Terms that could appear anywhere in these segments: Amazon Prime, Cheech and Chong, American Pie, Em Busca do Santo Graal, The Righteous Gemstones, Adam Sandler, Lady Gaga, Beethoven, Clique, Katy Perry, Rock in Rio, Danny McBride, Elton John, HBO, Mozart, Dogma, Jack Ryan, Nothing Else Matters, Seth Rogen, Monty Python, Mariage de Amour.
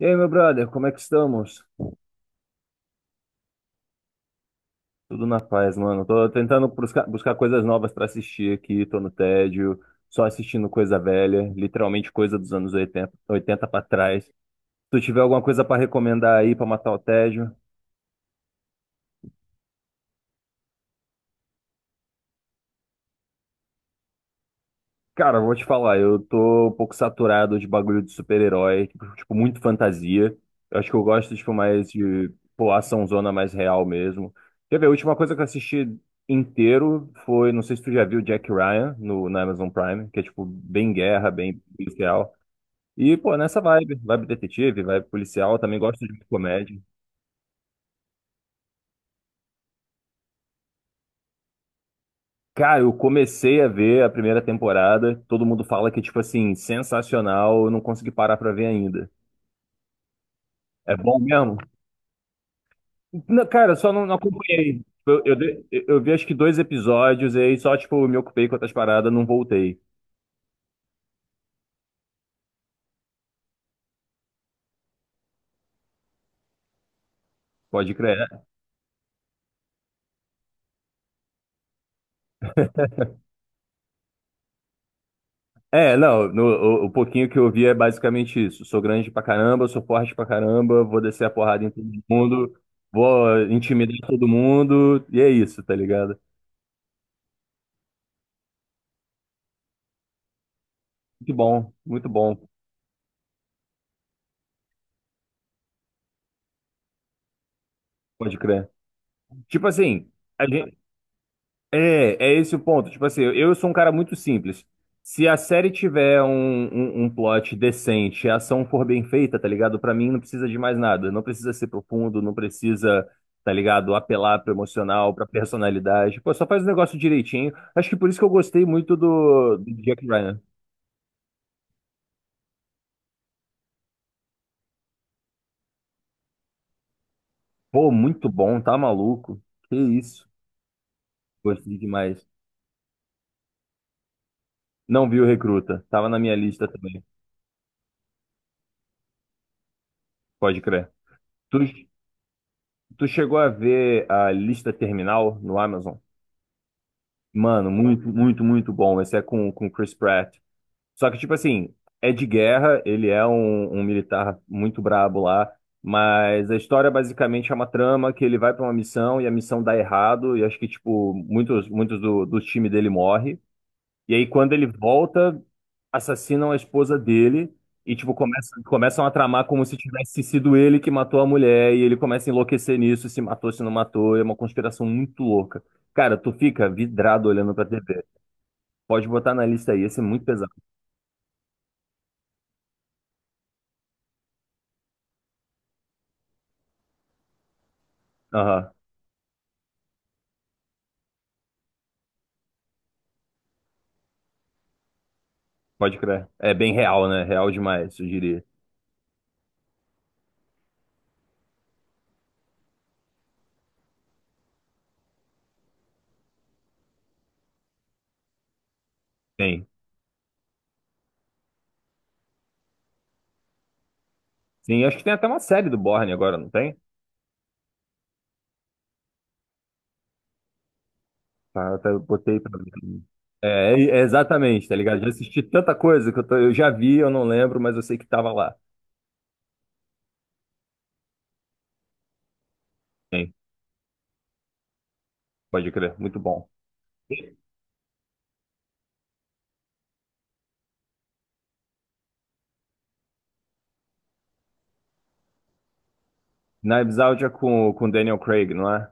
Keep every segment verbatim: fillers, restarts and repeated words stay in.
E aí, meu brother, como é que estamos? Tudo na paz, mano. Tô tentando buscar, buscar coisas novas pra assistir aqui, tô no tédio, só assistindo coisa velha, literalmente coisa dos anos oitenta oitenta para trás. Se tu tiver alguma coisa pra recomendar aí pra matar o tédio. Cara, eu vou te falar, eu tô um pouco saturado de bagulho de super-herói, tipo, tipo, muito fantasia. Eu acho que eu gosto, tipo, mais de, pô, açãozona mais real mesmo. Quer ver, a última coisa que eu assisti inteiro foi, não sei se tu já viu Jack Ryan no, na Amazon Prime, que é, tipo, bem guerra, bem policial. E, pô, nessa vibe, vibe detetive, vibe policial, eu também gosto de comédia. Cara, eu comecei a ver a primeira temporada, todo mundo fala que, tipo assim, sensacional, eu não consegui parar pra ver ainda. É bom mesmo? Não, cara, eu só não, não acompanhei. Tipo, Eu, eu, dei- eu eu vi acho que dois episódios e aí só, tipo, me ocupei com outras paradas, não voltei. Pode crer. É, é, não, no- o, o pouquinho que eu vi é basicamente isso. Sou grande pra caramba, sou forte pra caramba, vou descer a porrada em todo mundo, vou intimidar todo mundo, e é isso, tá ligado? Muito bom, muito bom, pode crer. Tipo assim, a gen- É, é esse o ponto. Tipo assim, eu eu sou um cara muito simples. Se a série tiver um, um, um plot decente, a ação for bem feita, tá ligado? Pra mim não precisa de mais nada. Não precisa ser profundo, não precisa, tá ligado? Apelar pro emocional, pra personalidade. Pô, só faz o negócio direitinho. Acho que por isso que eu gostei muito do, do Jack Ryan. Pô, muito bom, tá maluco? Que isso. Gostei demais. Não vi o Recruta. Tava na minha lista também. Pode crer. Tu, tu chegou a ver a lista terminal no Amazon? Mano, muito, muito, muito bom. Esse é com, com o Chris Pratt. Só que, tipo assim, é de guerra, ele é um, um militar muito brabo lá, mas a história basicamente é uma trama que ele vai pra uma missão e a missão dá errado, e acho que, tipo, muitos, muitos do, do time dele morre. E aí, quando ele volta, assassinam a esposa dele e, tipo, começam, começam a tramar como se tivesse sido ele que matou a mulher, e ele começa a enlouquecer nisso, se matou, se não matou, é uma conspiração muito louca. Cara, tu fica vidrado olhando pra T V. Pode botar na lista aí, esse é muito pesado. Aham, pode crer. É bem real, né? Real demais, eu diria. Tem. Sim, acho que tem até uma série do Bourne agora, não tem? Tá, até eu botei pra ver. É, é exatamente, tá ligado? Já assisti tanta coisa que eu, tô- eu já vi, eu não lembro, mas eu sei que tava lá. Sim, pode crer, muito bom. Knives Out é com, com Daniel Craig, não é?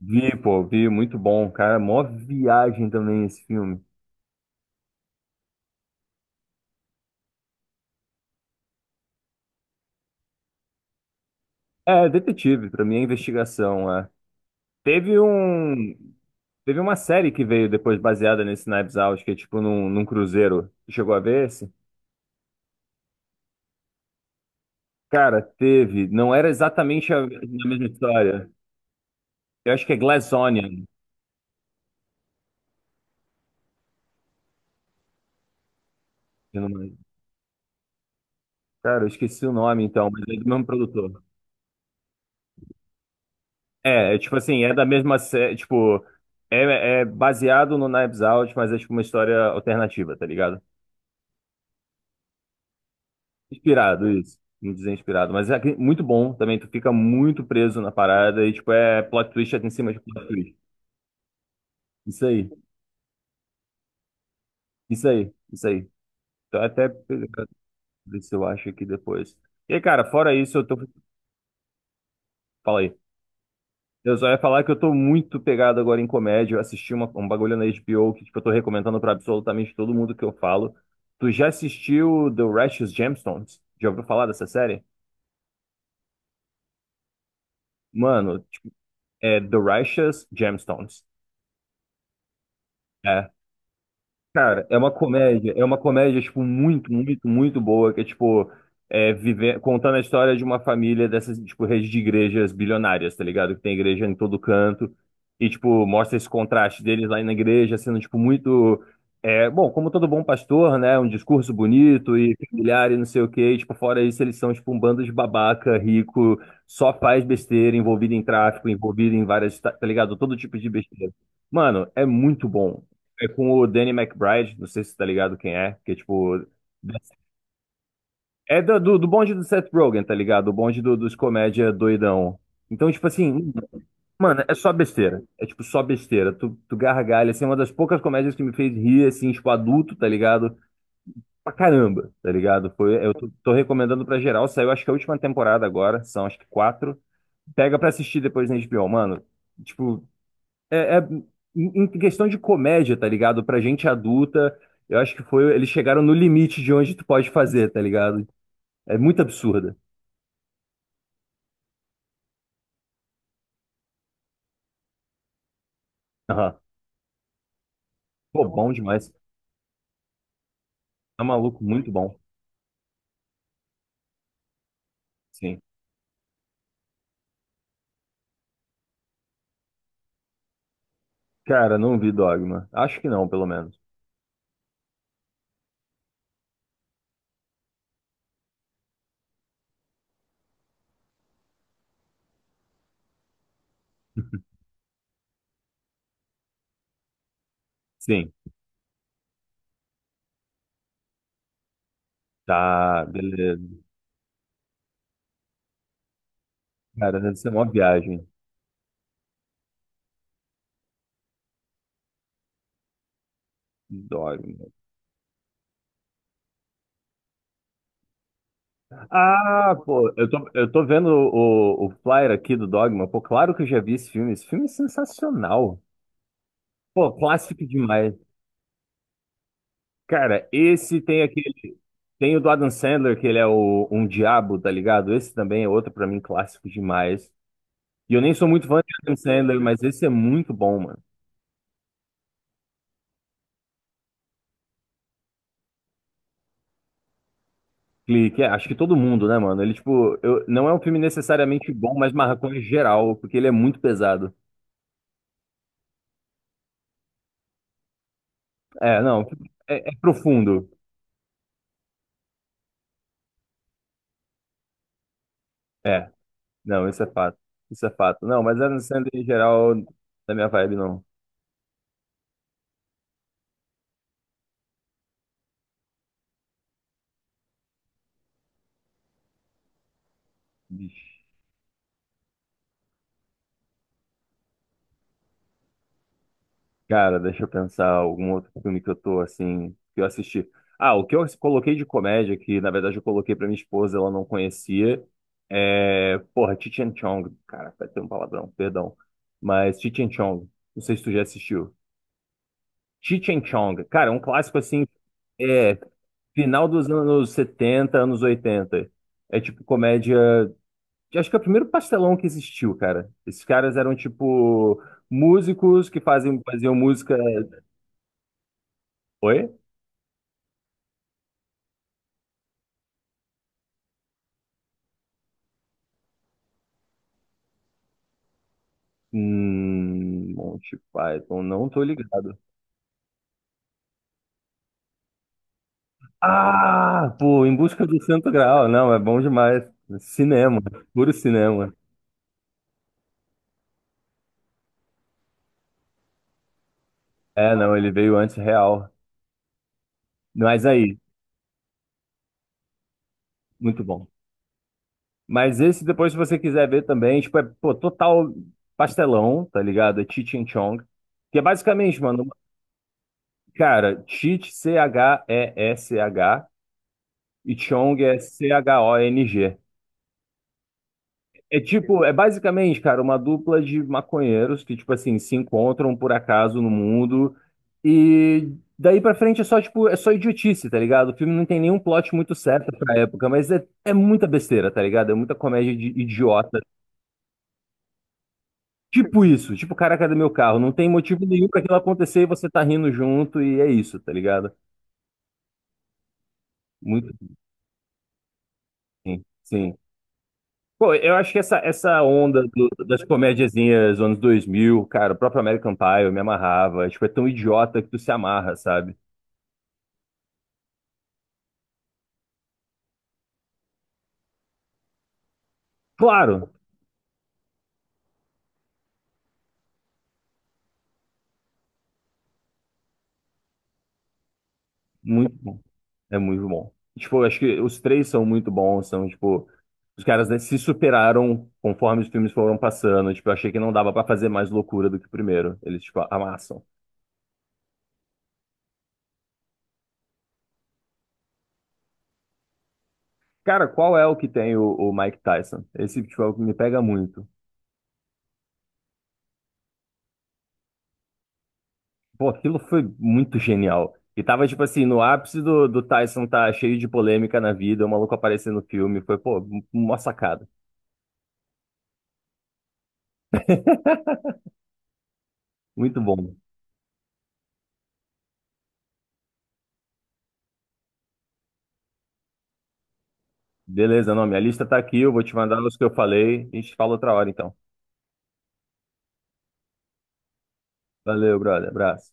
Vi, pô, vi, muito bom, cara. Mó viagem também esse filme. É, detetive, pra mim é investigação, é. Teve um. Teve uma série que veio depois baseada nesse Knives Out, que é tipo num, num cruzeiro. Tu chegou a ver esse? Cara, teve. Não era exatamente a, a mesma história. Eu acho que é Glass Onion. Se não Cara, eu esqueci o nome então, mas é do mesmo produtor. É, é tipo assim, é da mesma série. Tipo, é, é baseado no Knives Out, mas é tipo uma história alternativa, tá ligado? Inspirado, isso. Não dizer inspirado, mas é que- muito bom também. Tu fica muito preso na parada e, tipo, é plot twist é em cima de plot twist. Isso aí, isso aí, isso aí. Tô até pegando, ver se eu acho aqui depois. E aí, cara, fora isso, eu tô. Fala aí. Eu só ia falar que eu tô muito pegado agora em comédia. Eu assisti uma- um bagulho na H B O que, tipo, eu tô recomendando pra absolutamente todo mundo que eu falo. Tu já assistiu The Righteous Gemstones? Já ouviu falar dessa série? Mano, tipo, é The Righteous Gemstones. É. Cara, é uma comédia, é uma comédia, tipo, muito, muito, muito boa, que é, tipo, é, vive- contando a história de uma família dessas, tipo, redes de igrejas bilionárias, tá ligado? Que tem igreja em todo canto, e, tipo, mostra esse contraste deles lá na igreja, sendo, tipo, muito, é, bom, como todo bom pastor, né, um discurso bonito e familiar e não sei o quê, e, tipo, fora isso, eles são, tipo, um bando de babaca, rico, só faz besteira, envolvido em tráfico, envolvido em várias, tá tá ligado? Todo tipo de besteira. Mano, é muito bom. É com o Danny McBride, não sei se você tá ligado quem é, que é tipo. É da- do, do bonde do Seth Rogen, tá ligado? O bonde do- dos comédia doidão. Então, tipo assim, mano, é só besteira. É tipo só besteira. Tu, tu gargalha, assim, é uma das poucas comédias que me fez rir, assim, tipo, adulto, tá ligado? Pra caramba, tá ligado? Foi, eu tô, tô recomendando pra geral. Saiu, acho que a última temporada agora, são acho que quatro. Pega pra assistir depois na H B O, mano. Tipo, é, é- em em questão de comédia, tá ligado? Pra gente adulta, eu acho que foi. Eles chegaram no limite de onde tu pode fazer, tá ligado? É muito absurda. Aham. Pô, bom demais. Tá maluco, muito bom. Sim. Cara, não vi Dogma. Acho que não, pelo menos. Sim. Tá, beleza. Cara, deve ser uma viagem. Dogma. Ah, pô, eu tô, eu tô vendo o, o, o flyer aqui do Dogma. Pô, claro que eu já vi esse filme. Esse filme é sensacional. Pô, clássico demais. Cara, esse tem aquele. Tem o do Adam Sandler, que ele é o, um diabo, tá ligado? Esse também é outro, pra mim, clássico demais. E eu nem sou muito fã de Adam Sandler, mas esse é muito bom, mano. Clique, é- acho que todo mundo, né, mano? Ele, tipo, eu, não é um filme necessariamente bom, mas marcou em geral, porque ele é muito pesado. É, não, é, é profundo. É, não, isso é fato. Isso é fato. Não, mas Adam Sandler em geral, da minha vibe, não. Cara, deixa eu pensar algum outro filme que eu tô assim, que eu assisti. Ah, o que eu coloquei de comédia, que na verdade eu coloquei pra minha esposa, ela não conhecia, é. Porra, Cheech and Chong. Cara, vai ter um palavrão, perdão. Mas Cheech and Chong. Não sei se tu já assistiu. Cheech and Chong. Cara, é um clássico assim, é. Final dos anos setenta, anos oitenta. É tipo comédia. Acho que é o primeiro pastelão que existiu, cara. Esses caras eram tipo músicos que fazem, faziam música. Oi? Hum, Monty Python, não tô ligado. Ah, pô, Em Busca do Santo Graal, não, é bom demais. Cinema, puro cinema. É, não, ele veio antes real. Mas aí, muito bom. Mas esse depois, se você quiser ver também, tipo, é, pô, total pastelão, tá ligado? É Cheech and Chong. Que é basicamente, mano, cara, Cheech, C H E S H, e S H, e Chong é C H O N G. É tipo, é basicamente, cara, uma dupla de maconheiros que, tipo assim, se encontram por acaso no mundo e daí pra frente é só, tipo, é só idiotice, tá ligado? O filme não tem nenhum plot muito certo pra época, mas é, é muita besteira, tá ligado? É muita comédia de idiota. Tipo isso, tipo, caraca do meu carro, não tem motivo nenhum pra aquilo acontecer e você tá rindo junto e é isso, tá ligado? Muito sim, sim. Pô, eu acho que essa, essa onda do- das comédiazinhas dos anos dois mil cara, o próprio American Pie, eu me amarrava. Tipo, é tão idiota que tu se amarra, sabe? Claro, muito bom. É muito bom. Tipo, eu acho que os três são muito bons, são, tipo, os caras, né, se superaram conforme os filmes foram passando. Tipo, eu achei que não dava pra fazer mais loucura do que o primeiro. Eles, tipo, amassam. Cara, qual é o que tem o, o Mike Tyson? Esse, tipo, é o que me pega muito. Pô, aquilo foi muito genial. E tava, tipo assim, no ápice do, do Tyson tá cheio de polêmica na vida, o maluco aparecer no filme. Foi, pô, uma sacada. Muito bom. Beleza, não, minha lista tá aqui, eu vou te mandar os que eu falei. A gente fala outra hora, então. Valeu, brother. Abraço.